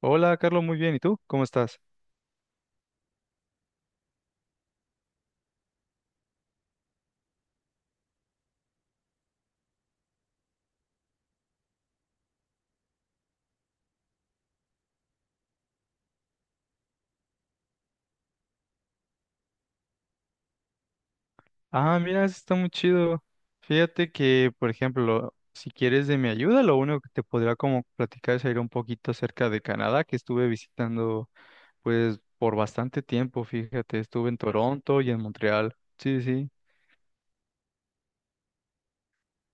Hola, Carlos, muy bien. ¿Y tú? ¿Cómo estás? Ah, mira, eso está muy chido. Fíjate que, por ejemplo, si quieres de mi ayuda, lo único que te podría como platicar es ir un poquito acerca de Canadá, que estuve visitando, pues, por bastante tiempo, fíjate. Estuve en Toronto y en Montreal. Sí, sí, sí.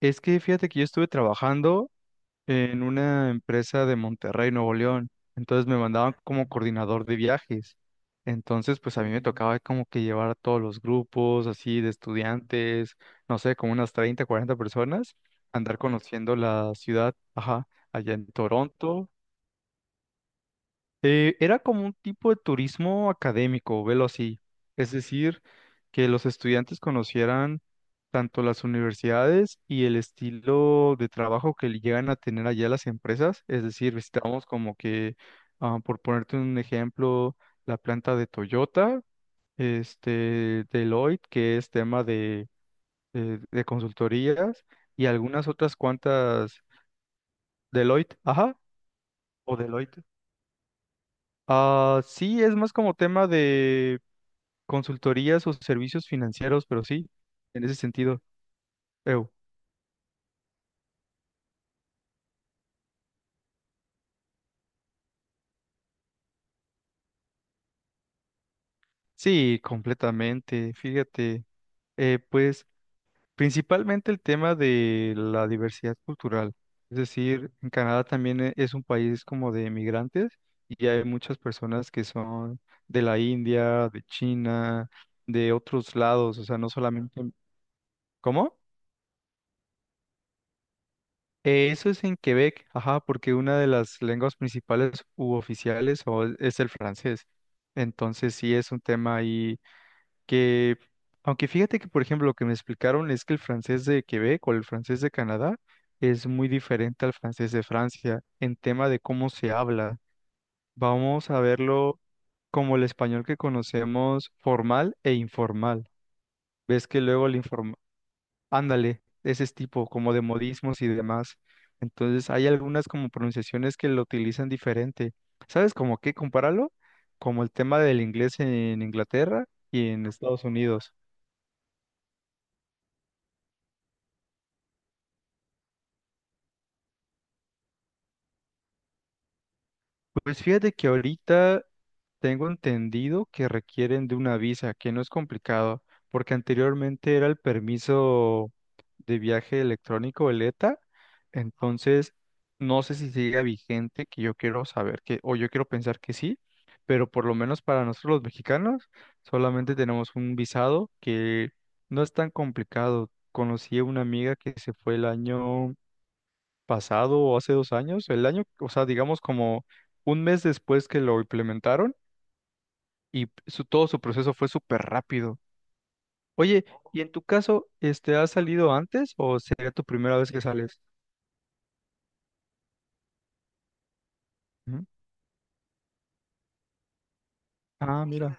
Es que fíjate que yo estuve trabajando en una empresa de Monterrey, Nuevo León. Entonces me mandaban como coordinador de viajes. Entonces, pues a mí me tocaba como que llevar a todos los grupos, así de estudiantes, no sé, como unas 30 40 personas, andar conociendo la ciudad, ajá, allá en Toronto, era como un tipo de turismo académico, velo así. Es decir, que los estudiantes conocieran tanto las universidades y el estilo de trabajo que le llegan a tener allá las empresas. Es decir, visitamos como que, por ponerte un ejemplo, la planta de Toyota, Deloitte, que es tema de, de consultorías, y algunas otras cuantas, Deloitte, ajá, o Deloitte. Ah, sí, es más como tema de consultorías o servicios financieros, pero sí, en ese sentido. Eu. Sí, completamente. Fíjate, pues principalmente el tema de la diversidad cultural. Es decir, en Canadá también es un país como de migrantes y hay muchas personas que son de la India, de China, de otros lados, o sea, no solamente. ¿Cómo? Eso es en Quebec, ajá, porque una de las lenguas principales u oficiales o es el francés. Entonces sí es un tema ahí que, aunque fíjate que, por ejemplo, lo que me explicaron es que el francés de Quebec o el francés de Canadá es muy diferente al francés de Francia en tema de cómo se habla. Vamos a verlo como el español que conocemos formal e informal. Ves que luego el informal. Ándale, de ese tipo, como de modismos y demás. Entonces, hay algunas como pronunciaciones que lo utilizan diferente. ¿Sabes cómo qué? Compáralo como el tema del inglés en Inglaterra y en Estados Unidos. Pues fíjate que ahorita tengo entendido que requieren de una visa, que no es complicado, porque anteriormente era el permiso de viaje electrónico, el ETA, entonces no sé si sigue vigente, que yo quiero saber que, o yo quiero pensar que sí, pero por lo menos para nosotros los mexicanos solamente tenemos un visado que no es tan complicado. Conocí a una amiga que se fue el año pasado o hace 2 años, el año, o sea, digamos como un mes después que lo implementaron y todo su proceso fue súper rápido. Oye, ¿y en tu caso, has salido antes o sería tu primera vez que sales? Ujú. Ah, mira.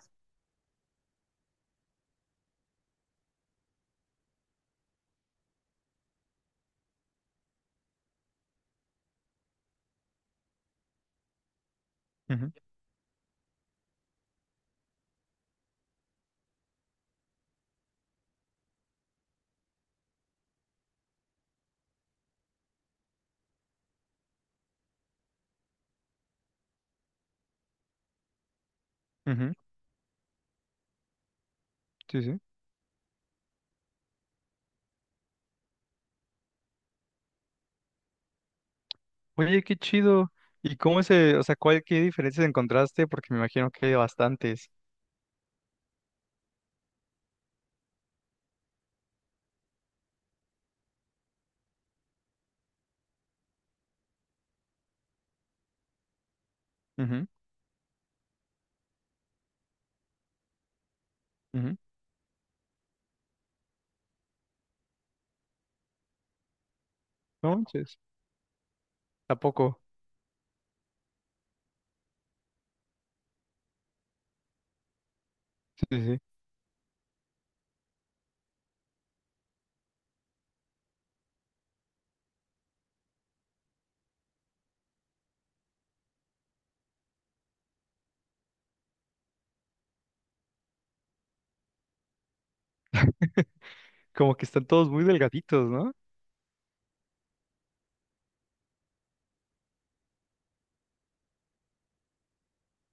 Ujú, ujú. Sí, sí. Oye, qué chido. ¿Y cómo ese, o sea, cuál, qué diferencias encontraste? Porque me imagino que hay bastantes. Ujú, ujú. No manches. ¿A poco? Sí, sí, sí. Como que están todos muy delgaditos, ¿no?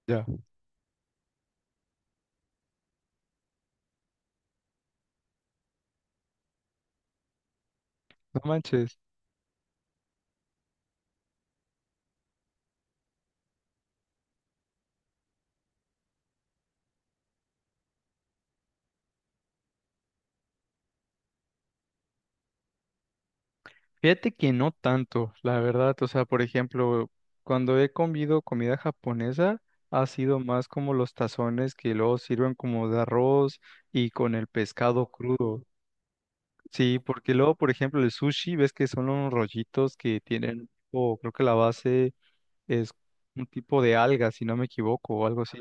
Ya. No manches. Fíjate que no tanto, la verdad. O sea, por ejemplo, cuando he comido comida japonesa, ha sido más como los tazones que luego sirven como de arroz y con el pescado crudo. Sí, porque luego, por ejemplo, el sushi, ves que son unos rollitos que tienen, o creo que la base es un tipo de alga, si no me equivoco, o algo así.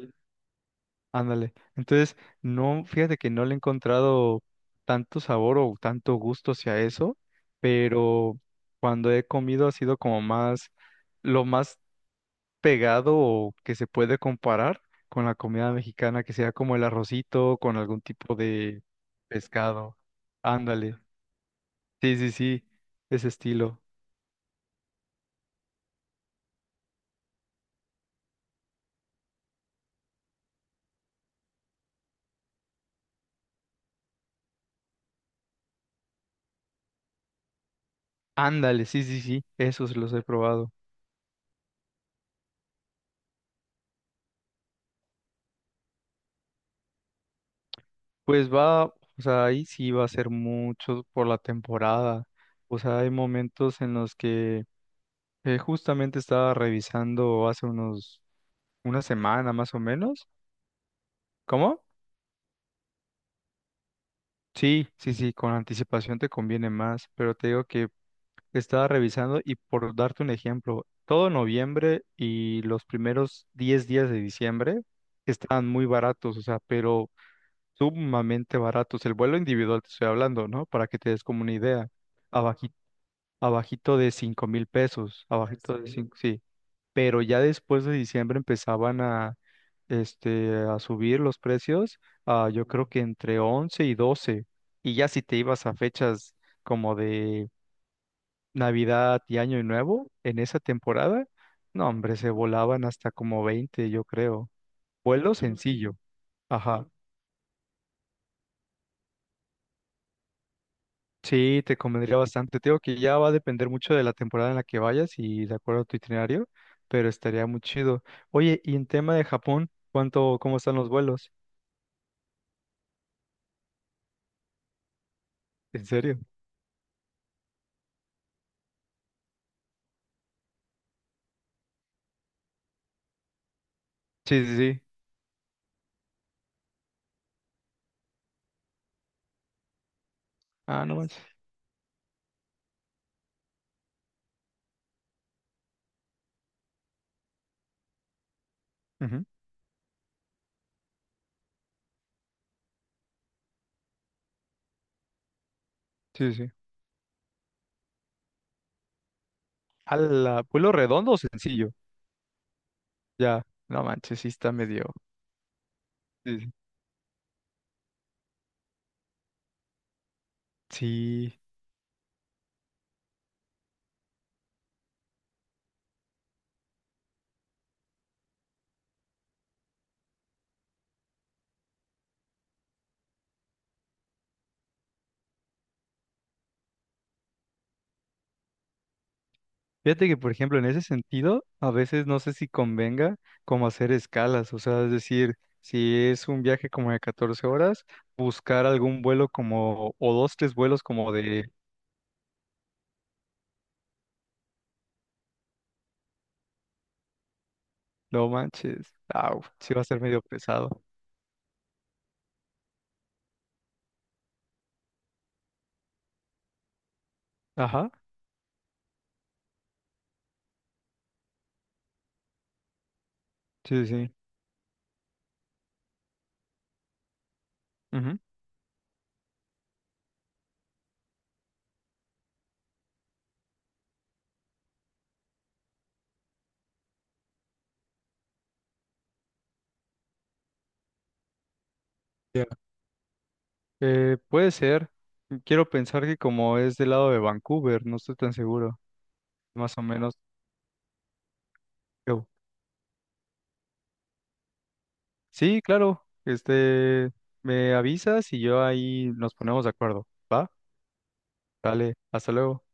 Ándale. Entonces, no, fíjate que no le he encontrado tanto sabor o tanto gusto hacia eso, pero cuando he comido ha sido como más, lo más pegado o que se puede comparar con la comida mexicana, que sea como el arrocito con algún tipo de pescado. Ándale. Sí, sí, sí, ese estilo. Ándale, sí, sí, sí, esos los he probado. Pues va, o sea, ahí sí va a ser mucho por la temporada. O sea, hay momentos en los que justamente estaba revisando hace una semana más o menos. ¿Cómo? Sí, sí, sí, con anticipación te conviene más, pero te digo que estaba revisando y por darte un ejemplo, todo noviembre y los primeros 10 días de diciembre estaban muy baratos, o sea, pero sumamente baratos. El vuelo individual te estoy hablando, ¿no? Para que te des como una idea abajito de 5,000 pesos, ¿En abajito de serio? Cinco, sí. Pero ya después de diciembre empezaban a subir los precios, yo creo que entre 11 y 12. Y ya si te ibas a fechas como de Navidad y Año Nuevo, en esa temporada, no, hombre, se volaban hasta como 20, yo creo. Vuelo sencillo, ajá. Sí, te convendría bastante. Te digo que ya va a depender mucho de la temporada en la que vayas y de acuerdo a tu itinerario, pero estaría muy chido. Oye, y en tema de Japón, ¿cuánto, cómo están los vuelos? ¿En serio? Sí, sí, sí. Ah, no manches. Ujú. Sí, sí. ¿Al vuelo redondo o sencillo? Ya, no manches, sí está medio. Sí, sí. Sí. Fíjate que, por ejemplo, en ese sentido, a veces no sé si convenga como hacer escalas, o sea, es decir, si es un viaje como de 14 horas, buscar algún vuelo como, o dos, tres vuelos como de, no manches, au, sí va a ser medio pesado. Ajá, sí, sí. Ujú. Ya. Puede ser, quiero pensar que como es del lado de Vancouver, no estoy tan seguro, más o menos. yo- Sí, claro, me avisas y yo ahí nos ponemos de acuerdo. ¿Va? Vale, hasta luego.